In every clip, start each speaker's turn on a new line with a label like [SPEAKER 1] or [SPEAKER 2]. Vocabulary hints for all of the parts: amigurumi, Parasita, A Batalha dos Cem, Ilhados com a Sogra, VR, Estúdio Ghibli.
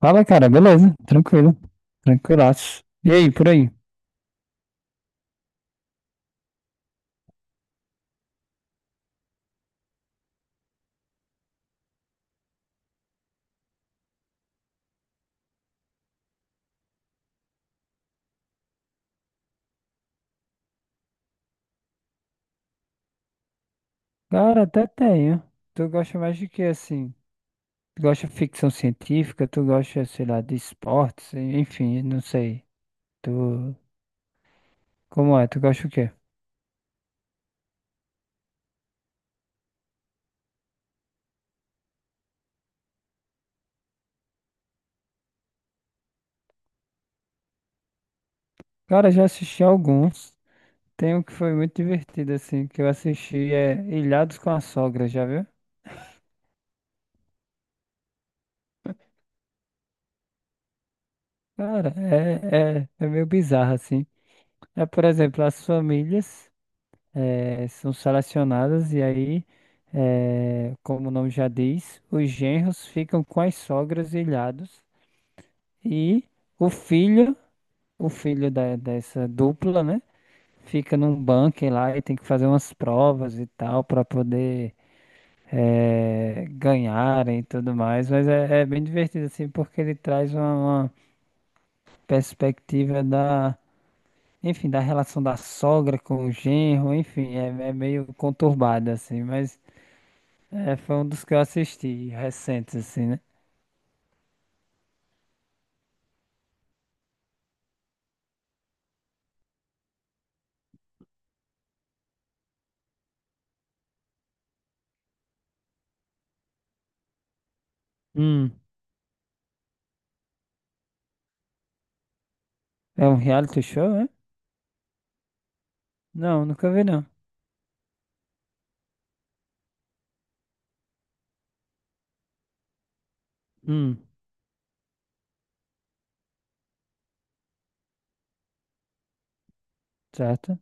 [SPEAKER 1] Fala, cara, beleza? Tranquilo. Tranquilaço. E aí, por aí? Cara, até tenho. Tu gosta mais de que assim? Tu gosta de ficção científica? Tu gosta, sei lá, de esportes? Enfim, não sei. Tu. Como é? Tu gosta o quê? Cara, já assisti alguns. Tem um que foi muito divertido, assim, que eu assisti é Ilhados com a Sogra, já viu? Cara, é meio bizarro, assim. É, por exemplo, as famílias. São selecionadas e aí, como o nome já diz, os genros ficam com as sogras e ilhados e o filho, o filho dessa dupla, né, fica num bunker lá e tem que fazer umas provas e tal para poder ganharem e tudo mais, mas é bem divertido assim porque ele traz uma perspectiva da da relação da sogra com o genro, enfim, é meio conturbado assim, mas é, foi um dos que eu assisti recentes, assim, né? Hum. É um reality show, é? Não, nunca vi, não. Hum. Certo?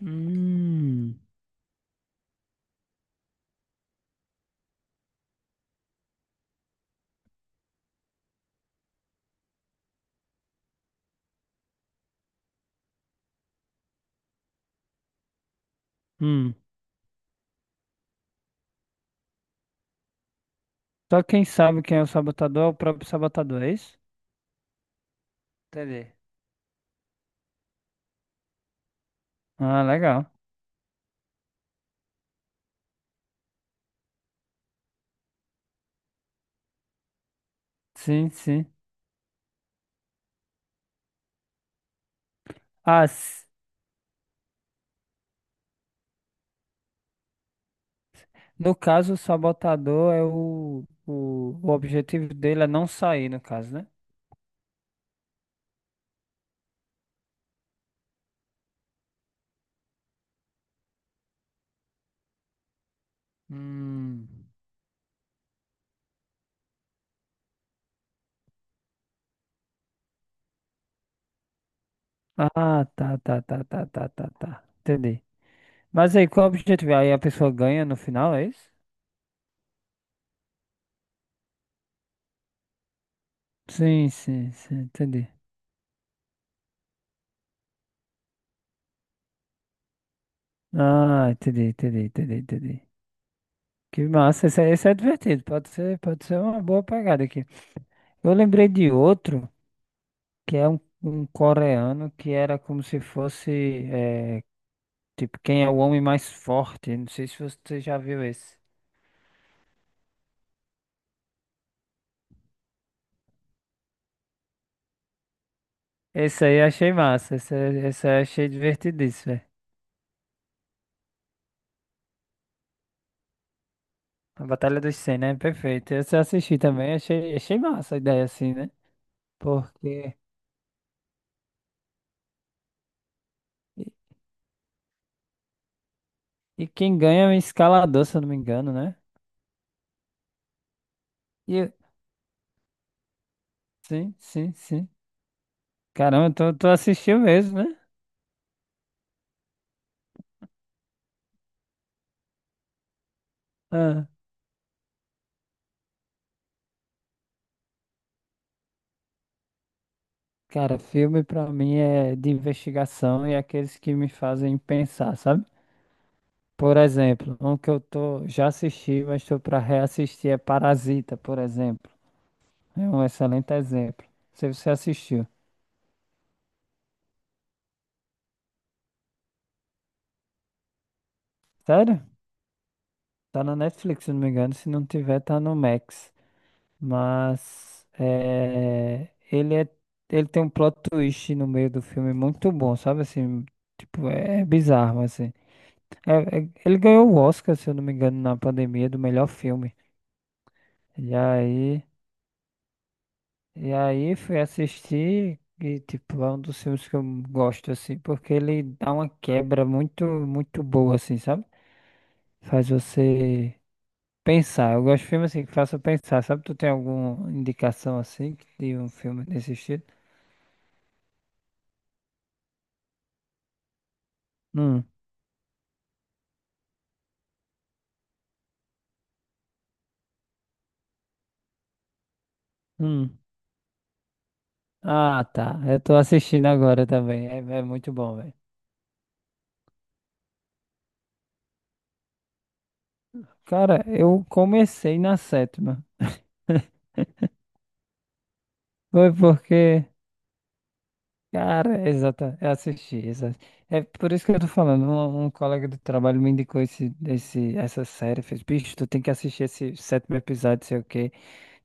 [SPEAKER 1] Hum. Hum. Só quem sabe quem é o sabotador é o próprio sabotador, é isso? Entendi. Ah, legal. Sim, sim. Ah, s- no caso, o sabotador é o objetivo dele é não sair, no caso, né? Hum. Ah, tá, tá, tá, tá, tá, tá, tá. Entendi. Mas aí, qual é o objetivo? Aí a pessoa ganha no final, é isso? Sim, sim, sim, entendi. Ah, entendi, entendi, entendi, entendi. Que massa, esse, esse é divertido, pode ser uma boa pegada aqui. Eu lembrei de outro, que é um coreano, que era como se fosse, é, tipo, quem é o homem mais forte, não sei se você já viu esse. Esse aí eu achei massa, esse, esse aí eu achei divertidíssimo, velho. A Batalha dos cem, né? Perfeito. Esse eu assisti também, achei, achei massa a ideia assim, né? Porque... E e quem ganha é um escalador, se eu não me engano, né? E, sim, sim, sim. Caramba, tu, tu assistiu mesmo, né? Ah, cara, filme pra mim é de investigação e aqueles que me fazem pensar, sabe? Por exemplo, um que eu tô, já assisti, mas tô pra reassistir é Parasita, por exemplo. É um excelente exemplo. Se você assistiu. Sério? Tá na Netflix, se não me engano. Se não tiver, tá no Max. Mas é, ele tem um plot twist no meio do filme muito bom, sabe? Assim, tipo, é bizarro, assim. Ele ganhou o Oscar, se eu não me engano, na pandemia do melhor filme. E aí, e aí fui assistir e, tipo, é um dos filmes que eu gosto, assim, porque ele dá uma quebra muito, muito boa, assim, sabe? Faz você pensar. Eu gosto de filmes assim que façam pensar, sabe? Tu tem alguma indicação, assim, de um filme desse estilo? Hum. Hum. Ah, tá. Eu tô assistindo agora também. É, é muito bom, velho. Cara, eu comecei na sétima. Foi porque cara, exata, eu assisti, exato. É por isso que eu tô falando, um colega do trabalho me indicou essa série, fez, bicho, tu tem que assistir esse sétimo episódio, sei o quê.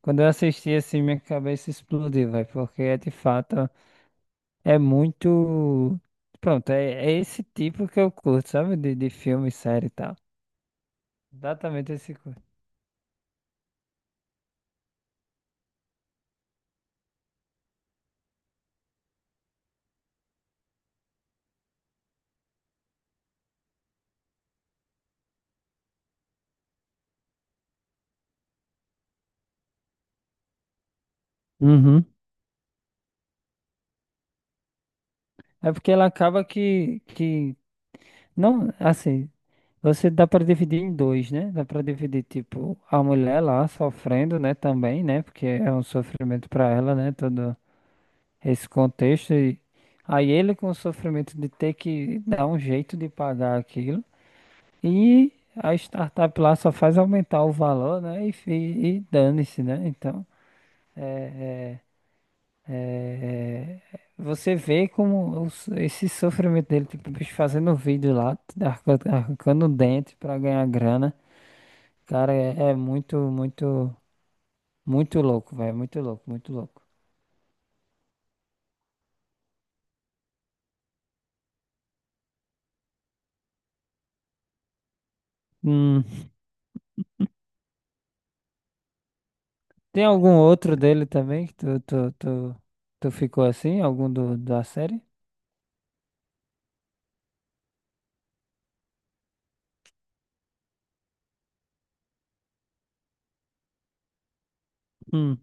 [SPEAKER 1] Quando eu assisti, assim, minha cabeça explodiu, vai, porque é de fato, é muito, pronto, é esse tipo que eu curto, sabe, de filme, série e tal. Exatamente esse curto. Uhum. É porque ela acaba que não, assim, você dá para dividir em dois, né? Dá para dividir, tipo, a mulher lá sofrendo, né, também, né? Porque é um sofrimento para ela, né? Todo esse contexto. E aí ele com o sofrimento de ter que dar um jeito de pagar aquilo. E a startup lá só faz aumentar o valor, né? E dane-se, né? Então, é, é, você vê como esse sofrimento dele, tipo, o bicho fazendo vídeo lá, arrancando o dente para ganhar grana. Cara, é, é muito, muito, muito louco, velho. Muito louco, muito louco. Hum, tem algum outro dele também que tu ficou assim? Algum do, da série? Hum,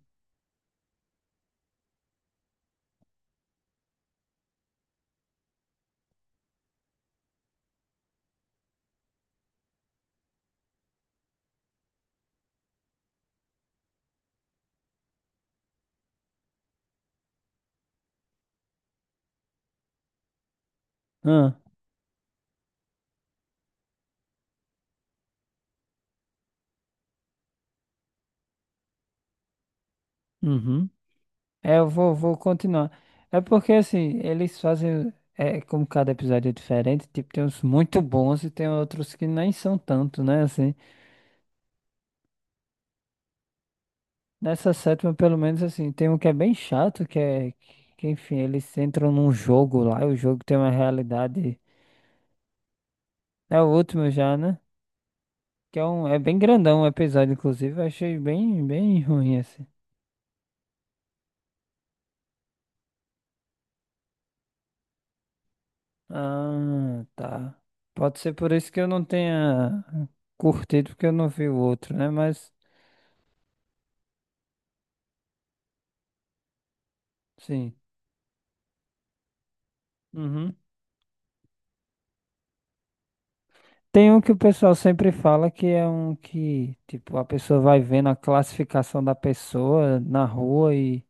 [SPEAKER 1] ah, uhum. É, eu vou, vou continuar. É porque, assim, eles fazem. É, como cada episódio é diferente, tipo, tem uns muito bons e tem outros que nem são tanto, né? Assim, nessa sétima, pelo menos, assim, tem um que é bem chato, que é. Que, enfim, eles entram num jogo lá e o jogo tem uma realidade. É o último já, né? Que é um, é bem grandão o episódio, inclusive. Eu achei bem, bem ruim assim. Ah, tá. Pode ser por isso que eu não tenha curtido, porque eu não vi o outro, né? Mas, sim. Uhum. Tem um que o pessoal sempre fala que é um que, tipo, a pessoa vai vendo a classificação da pessoa na rua e,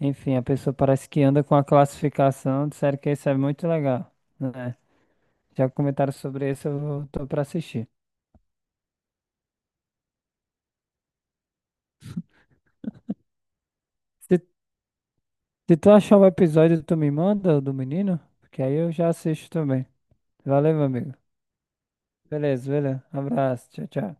[SPEAKER 1] enfim, a pessoa parece que anda com a classificação. Disseram que esse é muito legal, né? Já comentaram sobre esse, tô pra assistir. Se se tu achar o episódio, tu me manda o do menino, porque aí eu já assisto também. Valeu, meu amigo. Beleza, beleza. Abraço, tchau, tchau.